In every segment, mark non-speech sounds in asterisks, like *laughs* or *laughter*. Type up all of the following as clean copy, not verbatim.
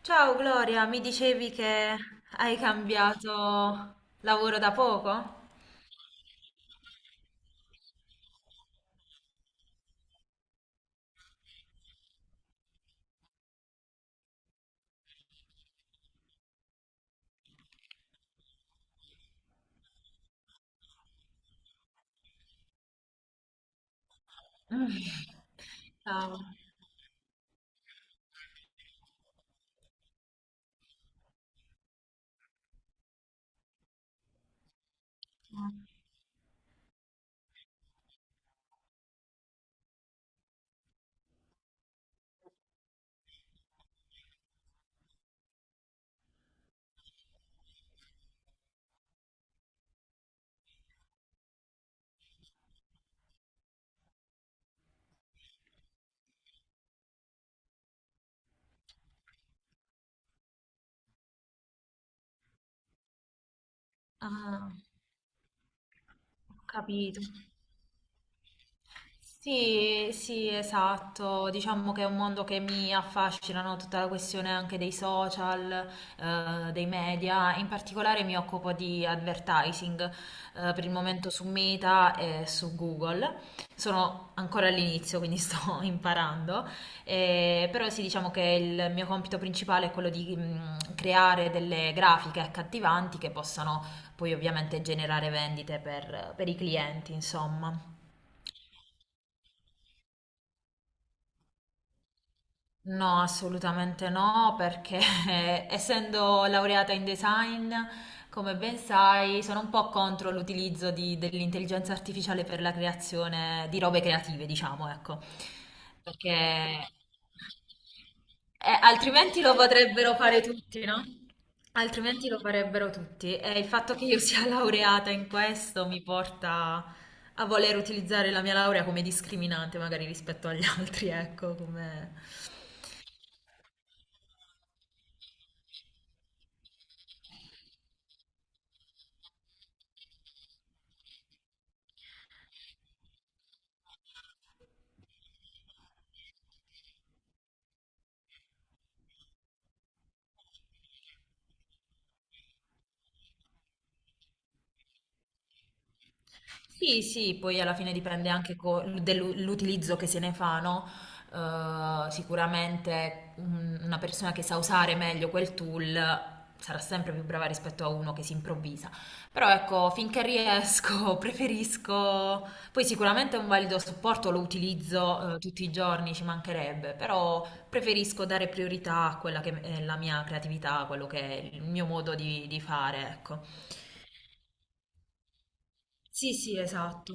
Ciao Gloria, mi dicevi che hai cambiato lavoro da poco? Ciao. Ah, ho capito. Sì, sì, esatto. Diciamo che è un mondo che mi affascina, no? Tutta la questione anche dei social, dei media. In particolare mi occupo di advertising, per il momento su Meta e su Google. Sono ancora all'inizio, quindi *laughs* sto imparando. Però sì, diciamo che il mio compito principale è quello di creare delle grafiche accattivanti che possano poi ovviamente generare vendite per i clienti, insomma. No, assolutamente no, perché *laughs* essendo laureata in design, come ben sai, sono un po' contro l'utilizzo dell'intelligenza artificiale per la creazione di robe creative, diciamo, ecco. Perché altrimenti lo potrebbero fare tutti, no? Altrimenti lo farebbero tutti. E il fatto che io sia *laughs* laureata in questo mi porta a voler utilizzare la mia laurea come discriminante, magari rispetto agli *laughs* altri, ecco, come... Sì, sì, poi alla fine dipende anche dell'utilizzo che se ne fa, no? Sicuramente una persona che sa usare meglio quel tool sarà sempre più brava rispetto a uno che si improvvisa. Però ecco, finché riesco, *laughs* preferisco... Poi sicuramente è un valido supporto, lo utilizzo, tutti i giorni, ci mancherebbe, però preferisco dare priorità a quella che è la mia creatività, a quello che è il mio modo di fare, ecco. Sì, sì, esatto.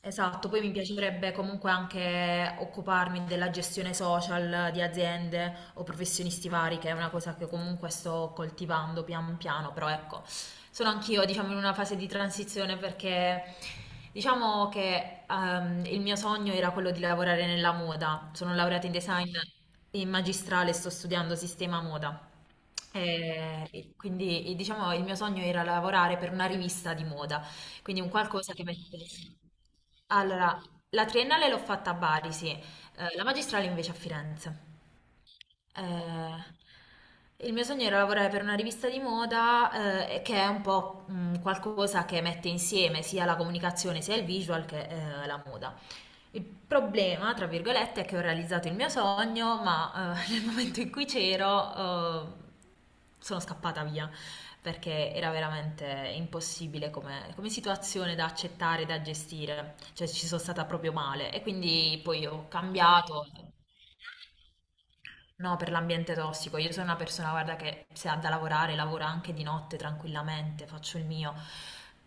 Esatto, poi mi piacerebbe comunque anche occuparmi della gestione social di aziende o professionisti vari, che è una cosa che comunque sto coltivando pian piano, però ecco, sono anch'io, diciamo, in una fase di transizione perché diciamo che il mio sogno era quello di lavorare nella moda. Sono laureata in design in magistrale, e sto studiando sistema moda. E quindi, diciamo, il mio sogno era lavorare per una rivista di moda, quindi un qualcosa che mette... Allora, la triennale l'ho fatta a Bari, sì. La magistrale invece a Firenze. Il mio sogno era lavorare per una rivista di moda, che è un po' qualcosa che mette insieme sia la comunicazione, sia il visual che la moda. Il problema, tra virgolette, è che ho realizzato il mio sogno, ma *laughs* nel momento in cui c'ero, sono scappata via perché era veramente impossibile come situazione da accettare, da gestire, cioè ci sono stata proprio male e quindi poi ho cambiato. No, per l'ambiente tossico. Io sono una persona, guarda, che se ha da lavorare, lavora anche di notte tranquillamente, faccio il mio.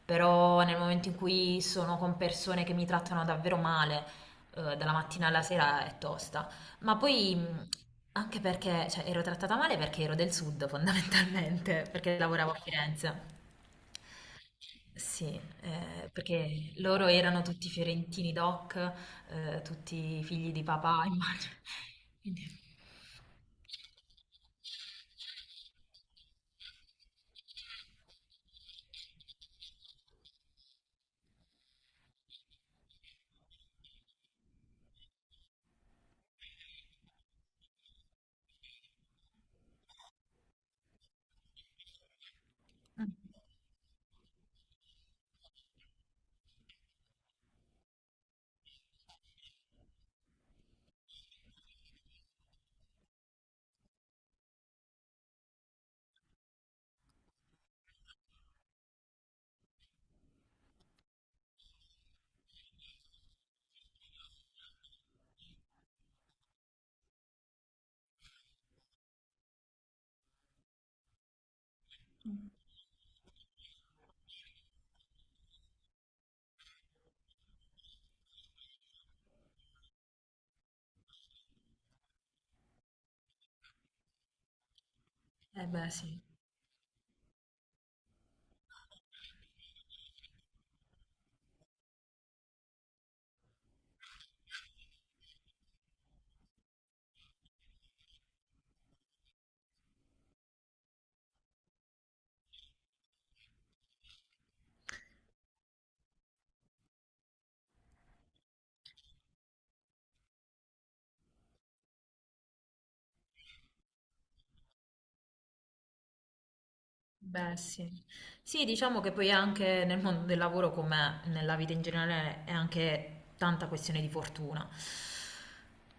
Però nel momento in cui sono con persone che mi trattano davvero male, dalla mattina alla sera è tosta. Ma poi anche perché, cioè, ero trattata male perché ero del sud, fondamentalmente, *laughs* perché lavoravo a Firenze. Sì, perché loro erano tutti fiorentini doc, tutti figli di papà, *laughs* immagino. Quindi, mm. Eh beh, sì. Beh, sì. Sì, diciamo che poi anche nel mondo del lavoro, come nella vita in generale, è anche tanta questione di fortuna.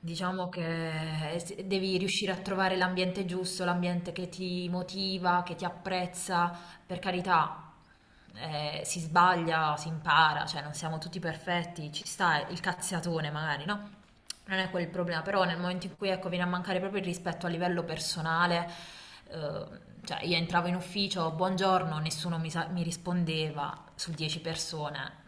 Diciamo che devi riuscire a trovare l'ambiente giusto, l'ambiente che ti motiva, che ti apprezza. Per carità, si sbaglia, si impara, cioè non siamo tutti perfetti, ci sta il cazziatone magari, no? Non è quel il problema, però nel momento in cui ecco, viene a mancare proprio il rispetto a livello personale, eh, cioè io entravo in ufficio, buongiorno, nessuno mi rispondeva su 10 persone.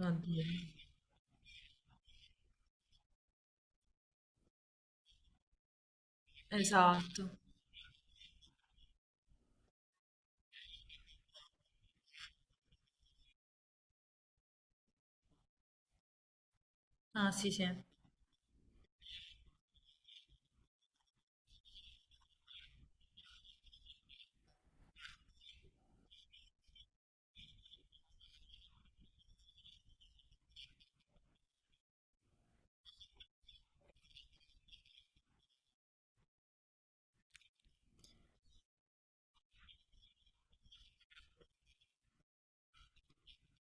Oddio. Esatto. Ah, sì, sì.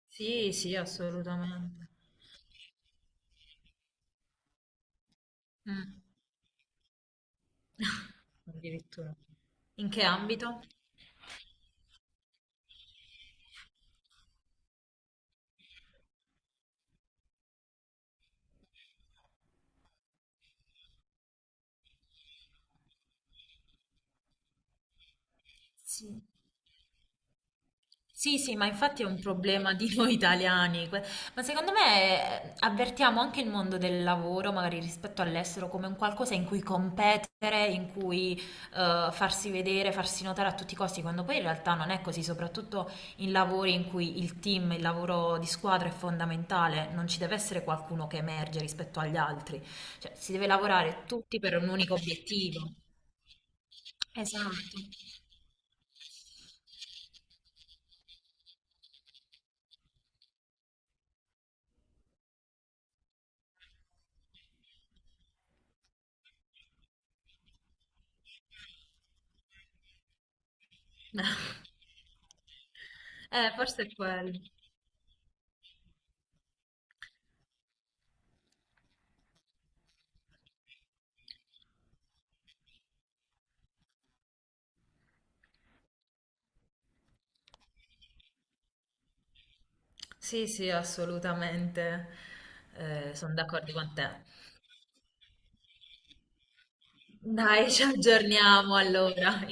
Sì, sì, assolutamente. Mm. *laughs* Addirittura. In che ambito? Sì. Sì, sì, ma infatti è un problema di noi italiani. Que- Ma secondo me avvertiamo anche il mondo del lavoro, magari rispetto all'estero, come un qualcosa in cui competere, in cui farsi vedere, farsi notare a tutti i costi, quando poi in realtà non è così, soprattutto in lavori in cui il team, il lavoro di squadra è fondamentale, non ci deve essere qualcuno che emerge rispetto agli altri, cioè si deve lavorare tutti per un unico obiettivo. Esatto. *laughs* Forse è quello. Sì, sì, assolutamente. Sono d'accordo con te. Dai, ci aggiorniamo allora.